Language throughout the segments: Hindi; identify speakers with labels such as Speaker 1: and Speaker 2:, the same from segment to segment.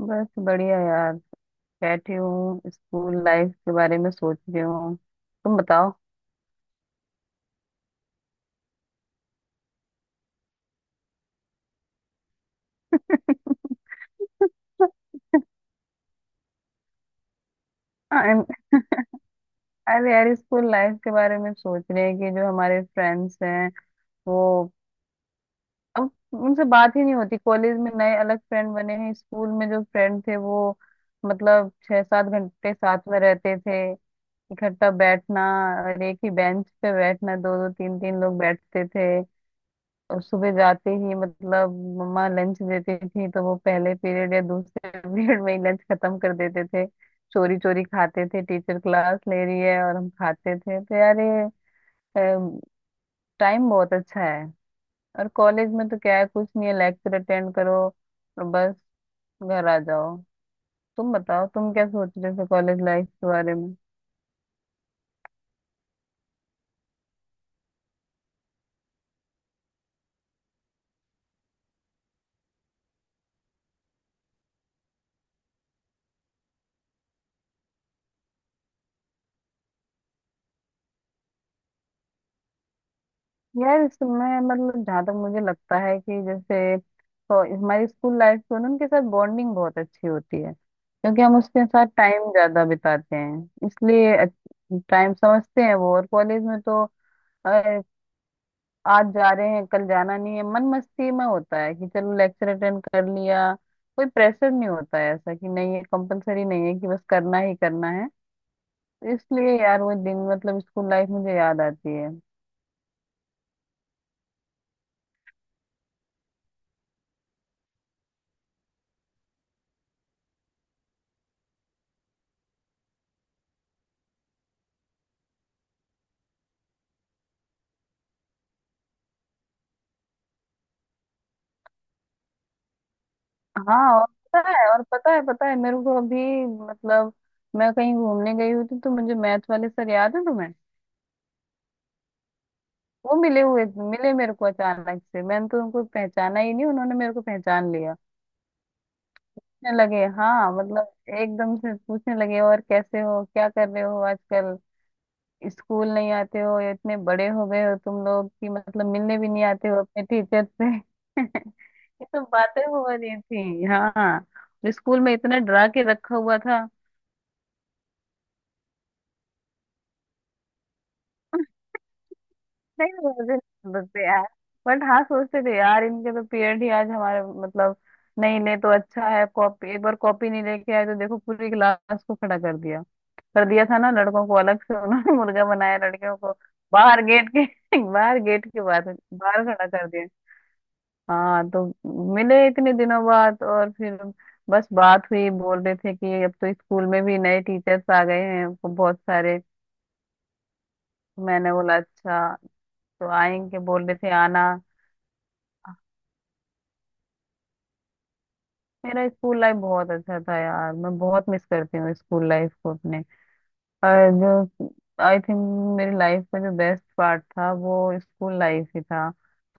Speaker 1: बस बढ़िया यार। बैठी हूँ स्कूल लाइफ के बारे में सोच रही हूँ। तुम बताओ। I'm- अरे यार स्कूल लाइफ के बारे में सोच रहे हैं कि जो हमारे फ्रेंड्स हैं वो अब उनसे बात ही नहीं होती। कॉलेज में नए अलग फ्रेंड बने हैं। स्कूल में जो फ्रेंड थे वो मतलब 6 7 घंटे साथ में रहते थे। इकट्ठा बैठना और एक ही बेंच पे बैठना, दो दो तीन तीन लोग बैठते थे। और सुबह जाते ही मतलब मम्मा लंच देती थी तो वो पहले पीरियड या दूसरे पीरियड में ही लंच खत्म कर देते थे। चोरी चोरी खाते थे, टीचर क्लास ले रही है और हम खाते थे। तो यार ये टाइम बहुत अच्छा है। और कॉलेज में तो क्या है, कुछ नहीं है। लेक्चर अटेंड करो और बस घर आ जाओ। तुम बताओ, तुम क्या सोच रहे थे कॉलेज लाइफ के बारे में? यार इसमें मतलब जहाँ तक मुझे लगता है कि जैसे तो हमारी स्कूल लाइफ में ना उनके साथ बॉन्डिंग बहुत अच्छी होती है क्योंकि हम उसके साथ टाइम ज्यादा बिताते हैं, इसलिए टाइम समझते हैं वो। और कॉलेज में तो अ, आज जा रहे हैं कल जाना नहीं है, मन मस्ती में होता है कि चलो लेक्चर अटेंड कर लिया। कोई प्रेशर नहीं होता है ऐसा कि नहीं ये कंपलसरी नहीं है कि बस करना ही करना है। तो इसलिए यार वो दिन मतलब स्कूल लाइफ मुझे याद आती है। हाँ। और पता है, और पता है मेरे को अभी मतलब मैं कहीं घूमने गई हुई थी तो मुझे मैथ वाले सर याद है तुम्हें? वो मिले हुए। मिले मेरे को अचानक से। मैंने तो उनको पहचाना ही नहीं, उन्होंने मेरे को पहचान लिया। पूछने लगे हाँ मतलब एकदम से पूछने लगे, और कैसे हो क्या कर रहे हो आजकल, स्कूल नहीं आते हो, या इतने बड़े हो गए हो तुम लोग कि मतलब मिलने भी नहीं आते हो अपने टीचर से। ये सब बातें हो रही थी। हाँ, स्कूल में इतना डरा के रखा हुआ था। नहीं मुझे नहीं बताते यार। बट हाँ सोचते थे यार, इनके तो पीरियड ही आज हमारे मतलब नहीं ले तो अच्छा है। कॉपी, एक बार कॉपी नहीं लेके आए तो देखो पूरी क्लास को खड़ा कर दिया। कर दिया था ना। लड़कों को अलग से उन्होंने मुर्गा बनाया, लड़कियों को बाहर गेट के बाहर, गेट के बाहर बाहर खड़ा कर दिया। हाँ तो मिले इतने दिनों बाद और फिर बस बात हुई। बोल रहे थे कि अब तो स्कूल में भी नए टीचर्स आ गए हैं बहुत सारे। मैंने बोला अच्छा। तो आएंगे बोल रहे थे आना। मेरा स्कूल लाइफ बहुत अच्छा था यार। मैं बहुत मिस करती हूँ स्कूल लाइफ को अपने। और जो आई थिंक मेरी लाइफ का जो बेस्ट पार्ट था वो स्कूल लाइफ ही था।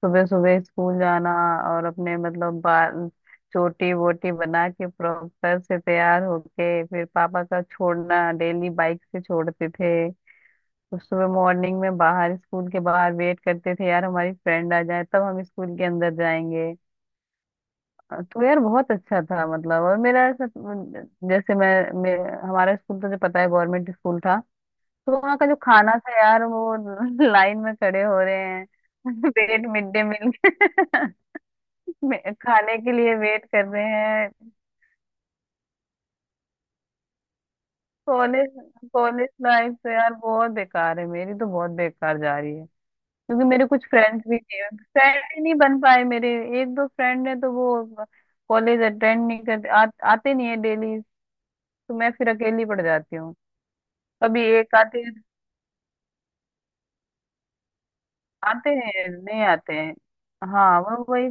Speaker 1: सुबह सुबह स्कूल जाना और अपने मतलब बाल चोटी वोटी बना के प्रॉपर से तैयार होके, फिर पापा का छोड़ना, डेली बाइक से छोड़ते थे। तो सुबह मॉर्निंग में बाहर स्कूल के बाहर वेट करते थे यार हमारी फ्रेंड आ जाए तब हम स्कूल के अंदर जाएंगे। तो यार बहुत अच्छा था मतलब। और मेरा ऐसा, जैसे मैं हमारा स्कूल तो जो पता है गवर्नमेंट स्कूल था। तो वहाँ का जो खाना था यार वो लाइन में खड़े हो रहे हैं। वेट मिड डे मील खाने के लिए वेट कर रहे हैं। कॉलेज कॉलेज लाइफ तो यार बहुत बेकार है। मेरी तो बहुत बेकार जा रही है। क्योंकि मेरे कुछ फ्रेंड्स भी नहीं, फ्रेंड ही नहीं बन पाए मेरे। एक दो फ्रेंड है तो वो कॉलेज अटेंड नहीं करते। आते नहीं है डेली। तो मैं फिर अकेली पड़ जाती। कभी एक आधे आते हैं नहीं आते हैं। हाँ वो वही।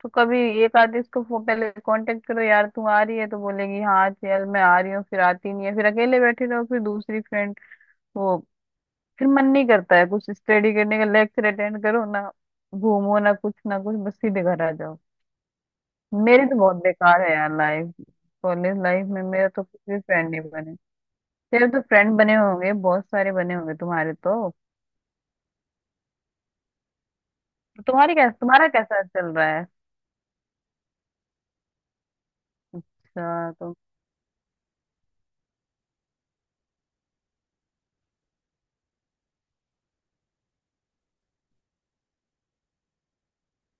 Speaker 1: तो कभी एक आधे इसको पहले कांटेक्ट करो यार, तू आ रही है तो बोलेगी हाँ चल मैं आ रही हूँ, फिर आती नहीं है, फिर अकेले बैठे रहो, फिर दूसरी फ्रेंड वो, फिर मन नहीं करता है कुछ स्टडी करने का। लेक्चर अटेंड करो ना, घूमो ना, कुछ ना कुछ, बस सीधे घर आ जाओ। मेरी तो बहुत बेकार है यार लाइफ। कॉलेज लाइफ में मेरा तो कुछ भी फ्रेंड नहीं बने। तेरे तो फ्रेंड बने होंगे, बहुत सारे बने होंगे तुम्हारे तो। तो तुम्हारी कैसा तुम्हारा कैसा चल रहा है? अच्छा, तो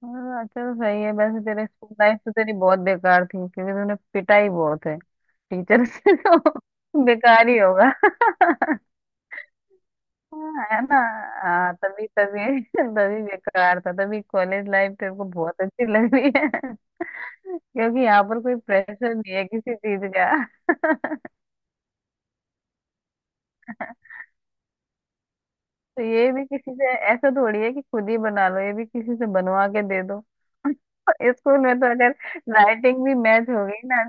Speaker 1: हाँ, चलो सही है। वैसे तेरे स्कूल लाइफ तो तेरी बहुत बेकार थी क्योंकि तूने पिटा ही बहुत है टीचर से, तो बेकार ही होगा। हाँ, है ना। हाँ तभी तभी तभी बेकार था तभी कॉलेज लाइफ तेरे को बहुत अच्छी लग रही है। क्योंकि यहाँ पर कोई प्रेशर नहीं है किसी चीज का। तो ये भी किसी से, ऐसा थोड़ी है कि खुद ही बना लो, ये भी किसी से बनवा के दे दो। स्कूल में तो अगर राइटिंग भी मैच हो गई ना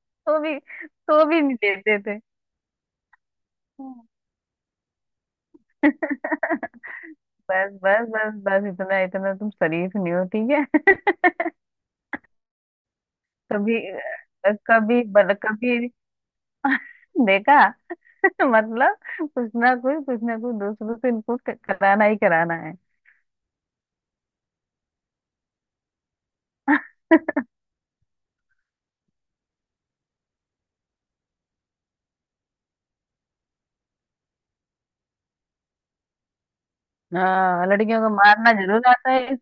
Speaker 1: तो भी नहीं देते थे। हम्म। बस बस बस बस, इतना इतना तुम शरीफ नहीं हो, ठीक है। कभी कभी बल कभी देखा। मतलब कुछ ना कुछ दूसरों से इनको कराना ही कराना है। हाँ लड़कियों को मारना जरूर आता है,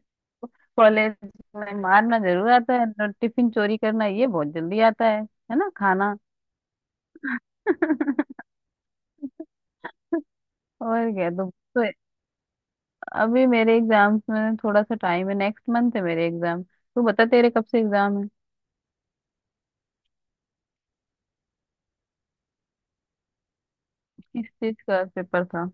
Speaker 1: कॉलेज में मारना जरूर आता है, और टिफिन चोरी करना ये बहुत जल्दी आता है ना, खाना। और क्या, तो अभी मेरे एग्जाम्स में थोड़ा सा टाइम है। नेक्स्ट मंथ है मेरे एग्जाम। तू बता तेरे कब से एग्जाम है? किस चीज का पेपर था?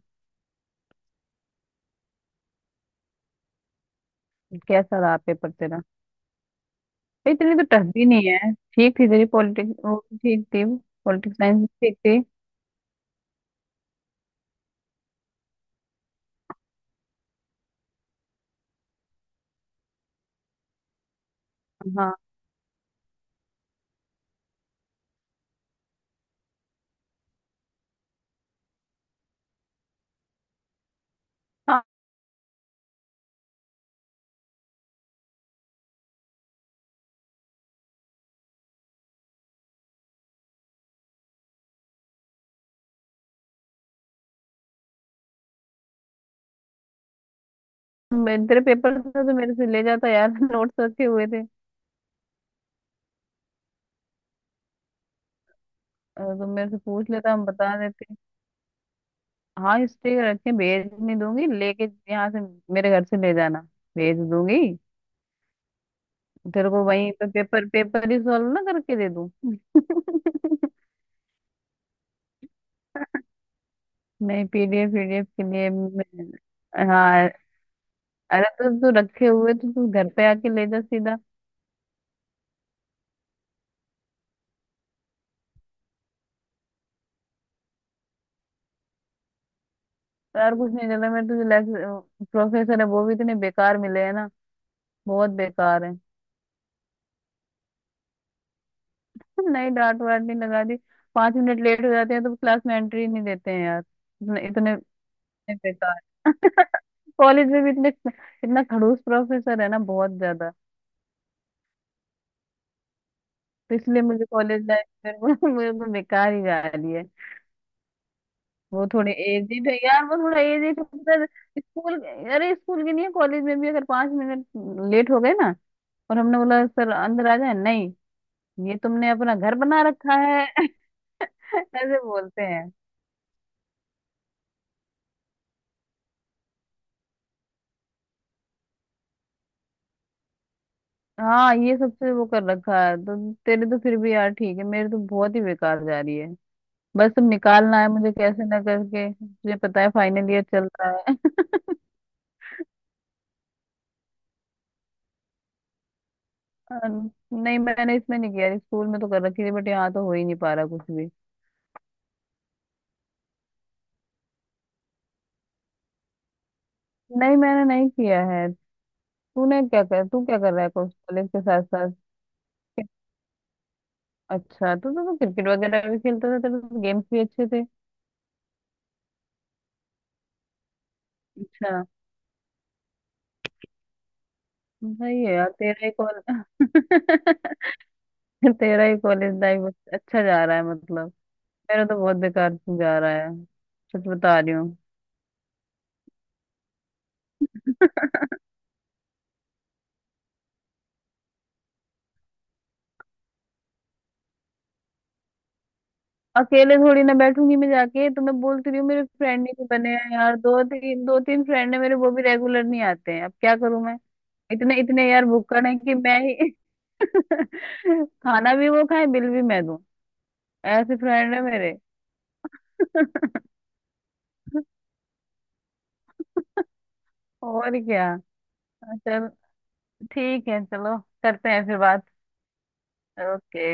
Speaker 1: कैसा रहा पेपर तेरा? भाई इतनी तो टफ भी नहीं है, ठीक थी तेरी पॉलिटिक्स वो, ठीक थी। पॉलिटिक्स साइंस ठीक थी। हाँ। हाँ, तेरे पेपर था तो मेरे से ले जाता यार नोट्स रखे हुए। अगर तुम मेरे से पूछ लेता हम बता देते। हाँ स्टे रखे, भेज नहीं दूंगी लेके, यहाँ से मेरे घर से ले जाना। भेज दूंगी। तेरे को वहीं पे पेपर पेपर ही सॉल्व ना करके दे दूं। नहीं, पीडीएफ पीडीएफ के लिए हाँ। अरे तो तू रखे हुए तो तू घर पे आके ले जा सीधा। यार कुछ नहीं चला मेरे, तुझे लेक्चर प्रोफेसर है वो भी इतने बेकार मिले हैं ना। बहुत बेकार है। नहीं डांट वाट नहीं लगा दी। पांच मिनट लेट हो जाते हैं तो क्लास में एंट्री नहीं देते हैं यार इतने। नहीं, बेकार। कॉलेज में भी इतने, इतना खड़ूस प्रोफेसर है ना, बहुत ज्यादा। तो इसलिए मुझे कॉलेज लाइफ में मुझे तो बेकार ही जा रही है। वो थोड़े एजिड है यार, वो थोड़ा एजिड है। स्कूल, अरे स्कूल के लिए कॉलेज में भी अगर 5 मिनट लेट हो गए ना, और हमने बोला सर अंदर आ जाए, नहीं, ये तुमने अपना घर बना रखा है। ऐसे बोलते हैं। हाँ ये सबसे वो कर रखा है। तो तेरे तो फिर भी यार ठीक है, मेरे तो बहुत ही बेकार जा रही है। बस तुम निकालना है मुझे कैसे ना करके। तुझे पता है फाइनल ईयर चल रहा है। अन- नहीं मैंने इसमें नहीं किया। स्कूल में तो कर रखी थी बट यहाँ तो हो ही नहीं पा रहा कुछ भी। नहीं मैंने नहीं किया है। तूने क्या कर तू क्या कर रहा है कॉलेज के साथ साथ? अच्छा तू तो क्रिकेट वगैरह भी खेलता था, तेरे तो गेम्स भी अच्छे थे। अच्छा। सही है यार, तेरा ही कॉल, तेरा ही कॉलेज लाइफ अच्छा जा रहा है मतलब। मेरा तो बहुत बेकार जा रहा है। सच बता रही हूँ। अकेले थोड़ी ना बैठूंगी मैं जाके, तो मैं बोलती रही हूँ मेरे फ्रेंड ही नहीं बने हैं यार। दो तीन फ्रेंड है मेरे वो भी रेगुलर नहीं आते हैं। अब क्या करूं मैं? इतने इतने यार भुक्कड़ है कि मैं ही खाना भी वो खाए, बिल भी मैं दूं। ऐसे फ्रेंड है मेरे। और क्या। चल, ठीक है, चलो। करते हैं फिर बात। ओके।